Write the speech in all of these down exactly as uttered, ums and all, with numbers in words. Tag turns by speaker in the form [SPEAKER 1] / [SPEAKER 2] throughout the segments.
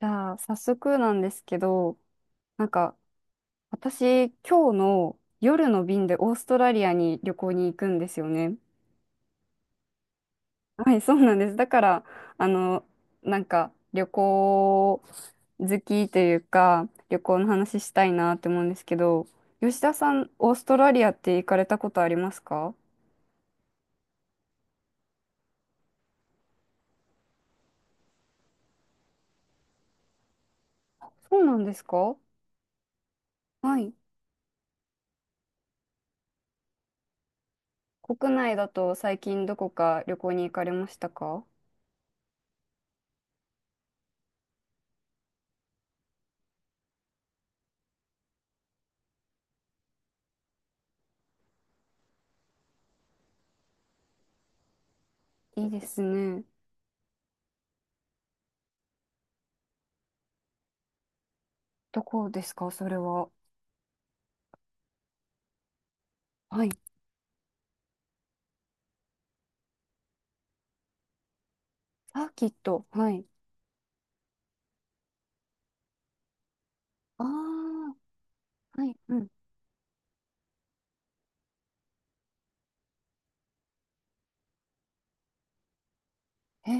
[SPEAKER 1] じゃあ、早速なんですけど、なんか、私、今日の夜の便でオーストラリアに旅行に行くんですよね。はい、そうなんです。だから、あの、なんか、旅行好きというか、旅行の話したいなって思うんですけど、吉田さん、オーストラリアって行かれたことありますか？そうなんですか？はい。国内だと最近どこか旅行に行かれましたか？いいですね。どこですか、それは。はい。あ、きっと。はい。ああ、はい。うん。へえ。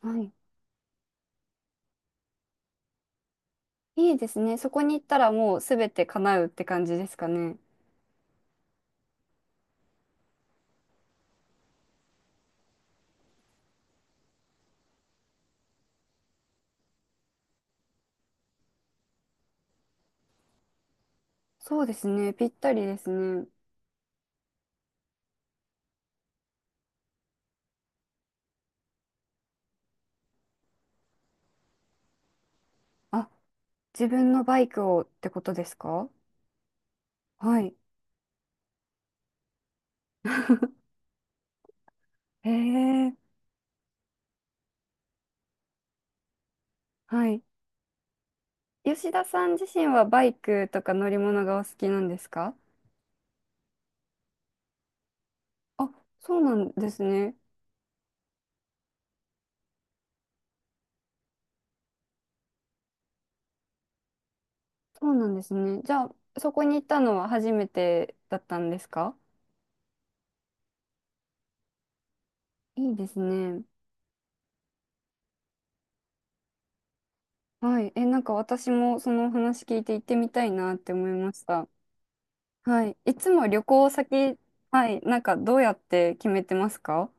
[SPEAKER 1] はい。いいですね。そこに行ったらもうすべて叶うって感じですかね。そうですね。ぴったりですね。あ、自分のバイクをってことですか？はい。へえ。はい。吉田さん自身はバイクとか乗り物がお好きなんですか？あ、そうなんですね。そうなんですね。じゃあ、そこに行ったのは初めてだったんですか？いいですね。はい。え、なんか私もその話聞いて行ってみたいなって思いました。はい。いつも旅行先、はい。なんかどうやって決めてますか？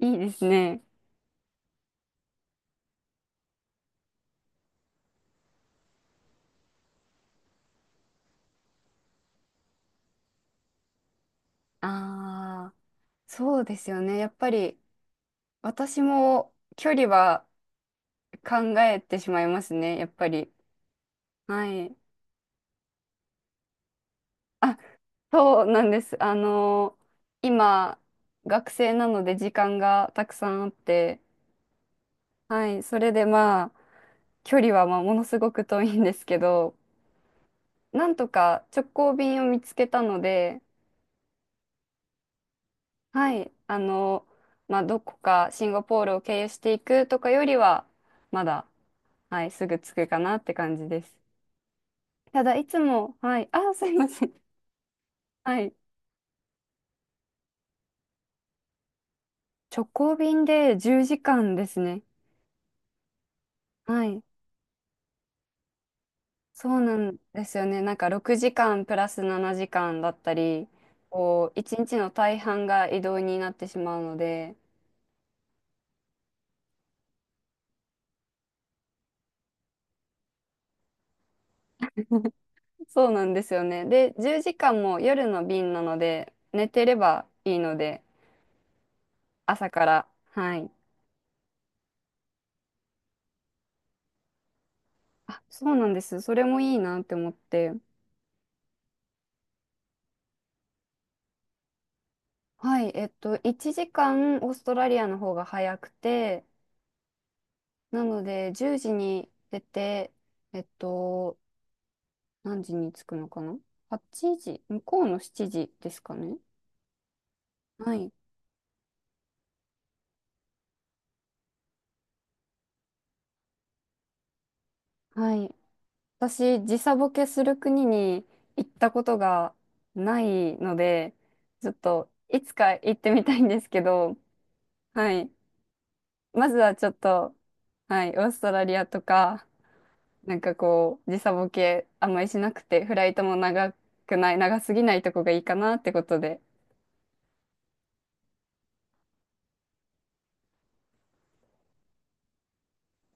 [SPEAKER 1] いいですね。ああ、そうですよね。やっぱり私も距離は考えてしまいますね。やっぱり。はい。あ、そうなんです。あの今、学生なので時間がたくさんあって、はい。それでまあ、距離はまあものすごく遠いんですけど、なんとか直行便を見つけたので、はい、あの、まあ、どこかシンガポールを経由していくとかよりは、まだ、はい、すぐ着くかなって感じです。ただ、いつも、はい、あ、すいません。はい、直行便でじゅうじかんですね。はい、そうなんですよね。なんかろくじかんプラスななじかんだったり、こう、いちにちの大半が移動になってしまうので、そうなんですよね。で、じゅうじかんも夜の便なので、寝てればいいので、朝から。はい。あ、そうなんです。それもいいなって思って。はい。えっと、いちじかんオーストラリアの方が早くて、なので、じゅうじに出て、えっと、何時に着くのかな？ はち 時、向こうのしちじですかね。はい。はい。私、時差ボケする国に行ったことがないので、ちょっといつか行ってみたいんですけど、はい。まずはちょっと、はい、オーストラリアとか、なんかこう、時差ボケあんまりしなくて、フライトも長くない、長すぎないとこがいいかなってことで。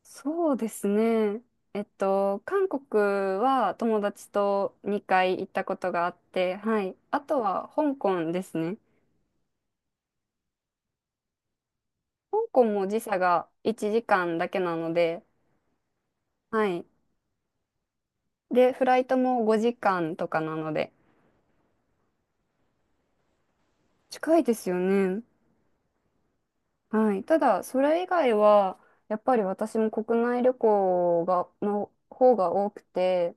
[SPEAKER 1] そうですね。えっと、韓国は友達とにかい行ったことがあって、はい。あとは香港ですね。香港も時差がいちじかんだけなので、はい。で、フライトもごじかんとかなので、近いですよね。はい。ただ、それ以外は、やっぱり私も国内旅行が、の方が多くて、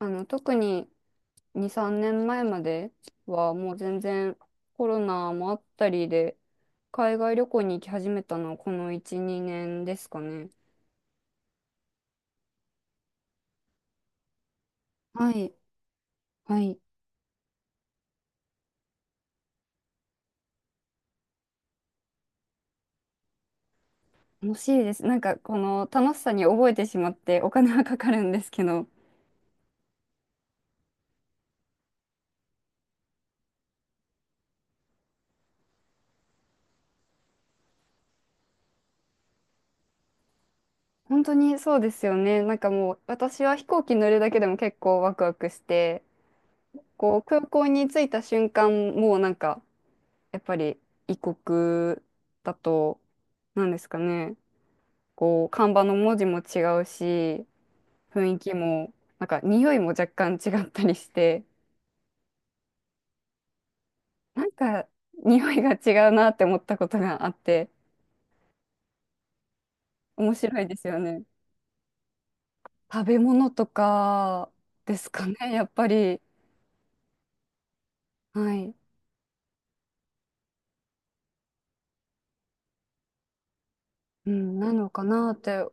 [SPEAKER 1] あの、特にに、さんねんまえまえまでは、もう全然コロナもあったりで、海外旅行に行き始めたのはこのいち、にねんですかね。はい。はい。楽しいです。なんかこの楽しさに覚えてしまってお金はかかるんですけど、本当にそうですよね。なんかもう私は飛行機乗るだけでも結構ワクワクして、こう空港に着いた瞬間、もうなんかやっぱり異国だと、なんですかね、こう看板の文字も違うし、雰囲気も、なんか匂いも若干違ったりして、なんか匂いが違うなって思ったことがあって、面白いですよね。食べ物とかですかね、やっぱり。はい。うん、なのかなって。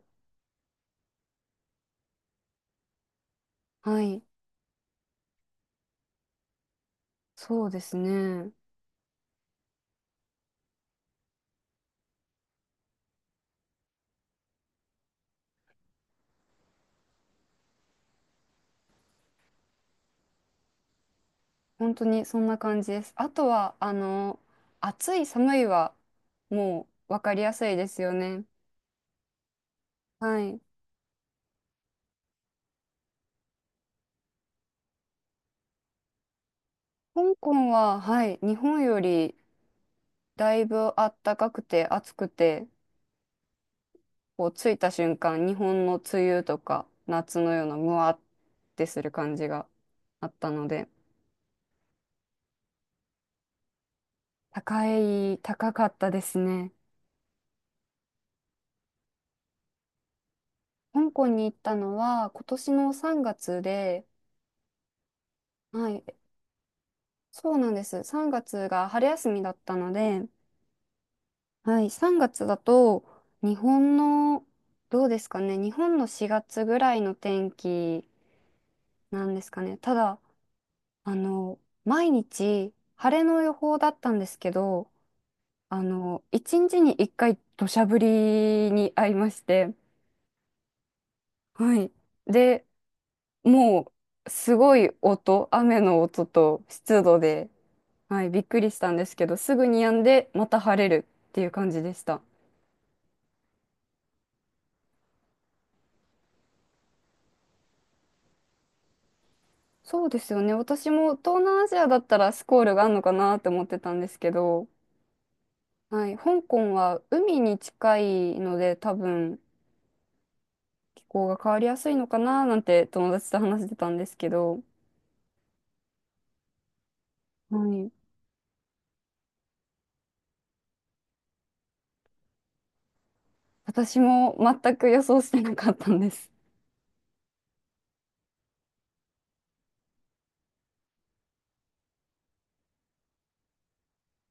[SPEAKER 1] はい。そうですね。本当にそんな感じです。あとは、あの、暑い、寒いは、もう分かりやすいですよね。はい。香港は、はい、日本よりだいぶ暖かくて暑くて、こう着いた瞬間、日本の梅雨とか夏のようなムワってする感じがあったので、高い、高かったですね。香港に行ったのは今年のさんがつで、はい、そうなんです。3月がつが春休みだったので、はい、さんがつだと日本の、どうですかね、日本のしがつぐらいの天気なんですかね。ただ、あの、毎日晴れの予報だったんですけど、あの、いちにちにいっかい土砂降りに遭いまして、はい。で、もう、すごい音、雨の音と湿度で、はい、びっくりしたんですけど、すぐに止んで、また晴れるっていう感じでした。そうですよね。私も東南アジアだったらスコールがあるのかなって思ってたんですけど、はい、香港は海に近いので、多分気候が変わりやすいのかななんて友達と話してたんですけど、はい、私も全く予想してなかったんです。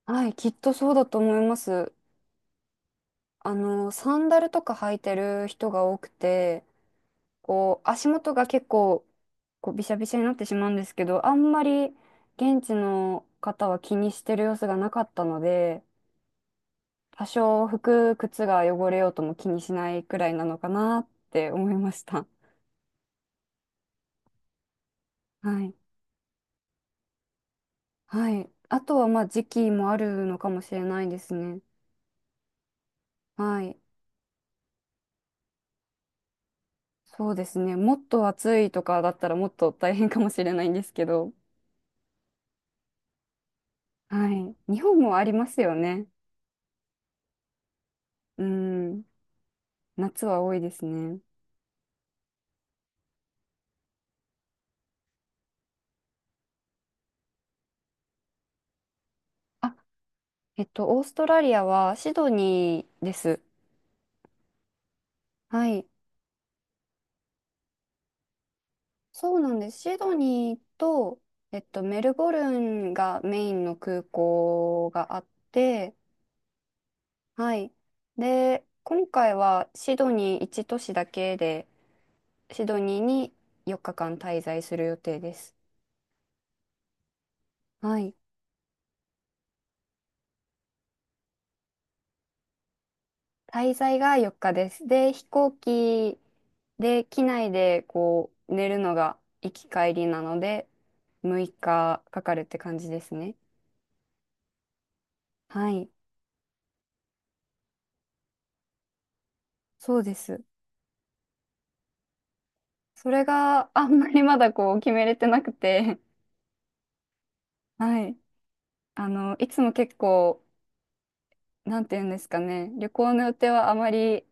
[SPEAKER 1] はい、きっとそうだと思います。あの、サンダルとか履いてる人が多くて、こう、足元が結構、こう、びしゃびしゃになってしまうんですけど、あんまり現地の方は気にしてる様子がなかったので、多少服、靴が汚れようとも気にしないくらいなのかなって思いました。はい。はい。あとは、まあ、時期もあるのかもしれないですね。はい。そうですね。もっと暑いとかだったらもっと大変かもしれないんですけど。はい。日本もありますよね。うん。夏は多いですね。えっと、オーストラリアはシドニーです。はい。そうなんです。シドニーと、えっと、メルボルンがメインの空港があって、はい。で、今回はシドニーいち都市だけで、シドニーによっかかん滞在する予定です。はい。滞在がよっかです。で、飛行機で、機内でこう、寝るのが行き帰りなので、6日かかかるって感じですね。はい。そうです。それがあんまりまだこう決めれてなくて、はい。あの、いつも結構、なんて言うんですかね、旅行の予定はあまり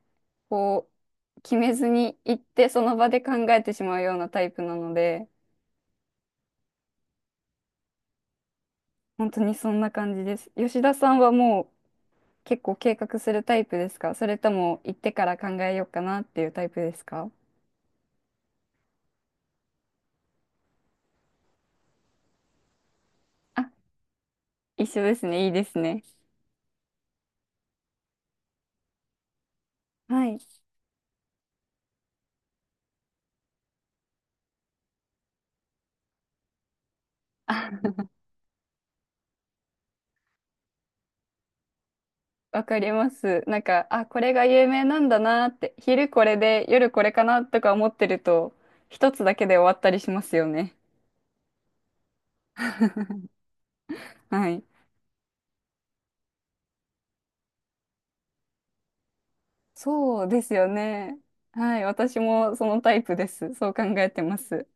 [SPEAKER 1] こう、決めずに行ってその場で考えてしまうようなタイプなので、本当にそんな感じです。吉田さんはもう結構計画するタイプですか？それとも行ってから考えようかなっていうタイプですか？あ、一緒ですね。いいですね。はい。わかります。なんか、あ、これが有名なんだなって、昼これで夜これかなとか思ってると、一つだけで終わったりしますよね。はい。そうですよね。はい。私もそのタイプです。そう考えてます。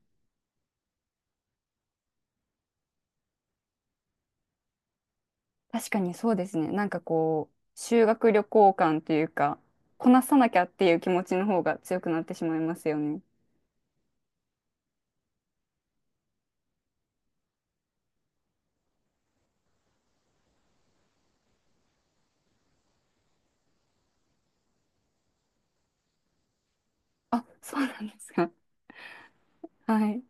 [SPEAKER 1] 確かにそうですね。なんかこう、修学旅行感っていうか、こなさなきゃっていう気持ちの方が強くなってしまいますよね。あ、そうなんですか？はい。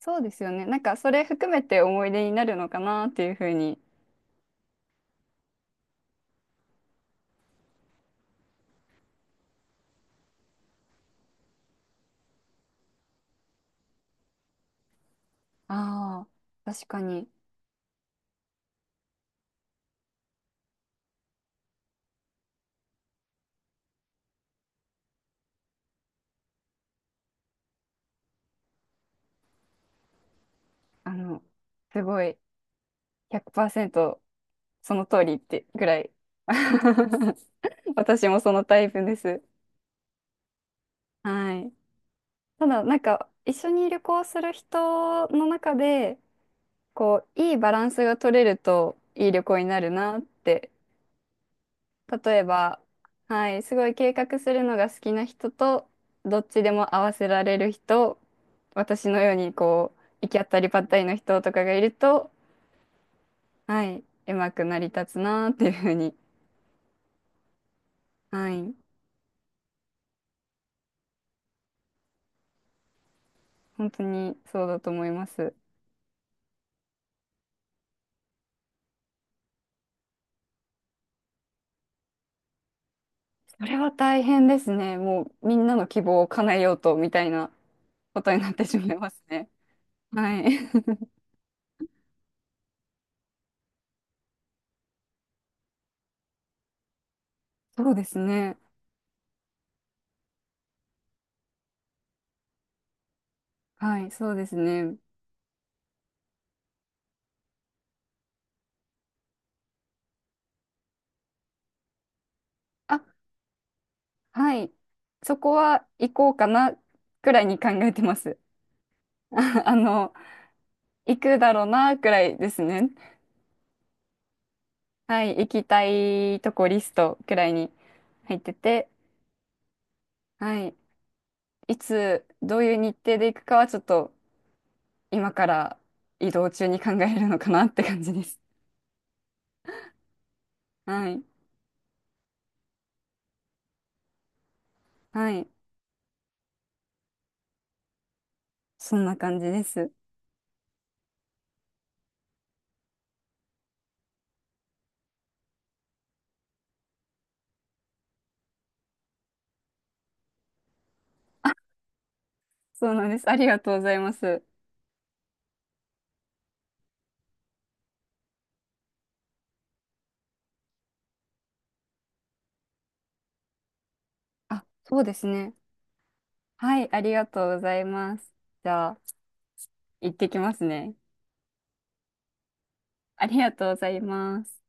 [SPEAKER 1] そうですよね。なんかそれ含めて思い出になるのかなっていうふうに、ああ、確かに、あの、すごい、ひゃくパーセントその通りってぐらい。私もそのタイプです。はい。ただ、なんか、一緒に旅行する人の中で、こう、いいバランスが取れると、いい旅行になるなって。例えば、はい、すごい計画するのが好きな人と、どっちでも合わせられる人、私のように、こう、行き当たりばったりの人とかがいると、はい、うまく成り立つなーっていうふうに、はい、本当にそうだと思います。それは大変ですね。もうみんなの希望を叶えようとみたいなことになってしまいますね。はい、そうですね。はい、そうですね。あ、はい、そこは行こうかなくらいに考えてます。ああの、行くだろうなくらいですね。はい、行きたいとこリストくらいに入ってて、はい。いつどういう日程で行くかはちょっと今から移動中に考えるのかなって感じです。はい。はい。そんな感じです。そうなんです。ありがとうございます。あ、そうですね。はい、ありがとうございます。じゃあ、行ってきますね。ありがとうございます。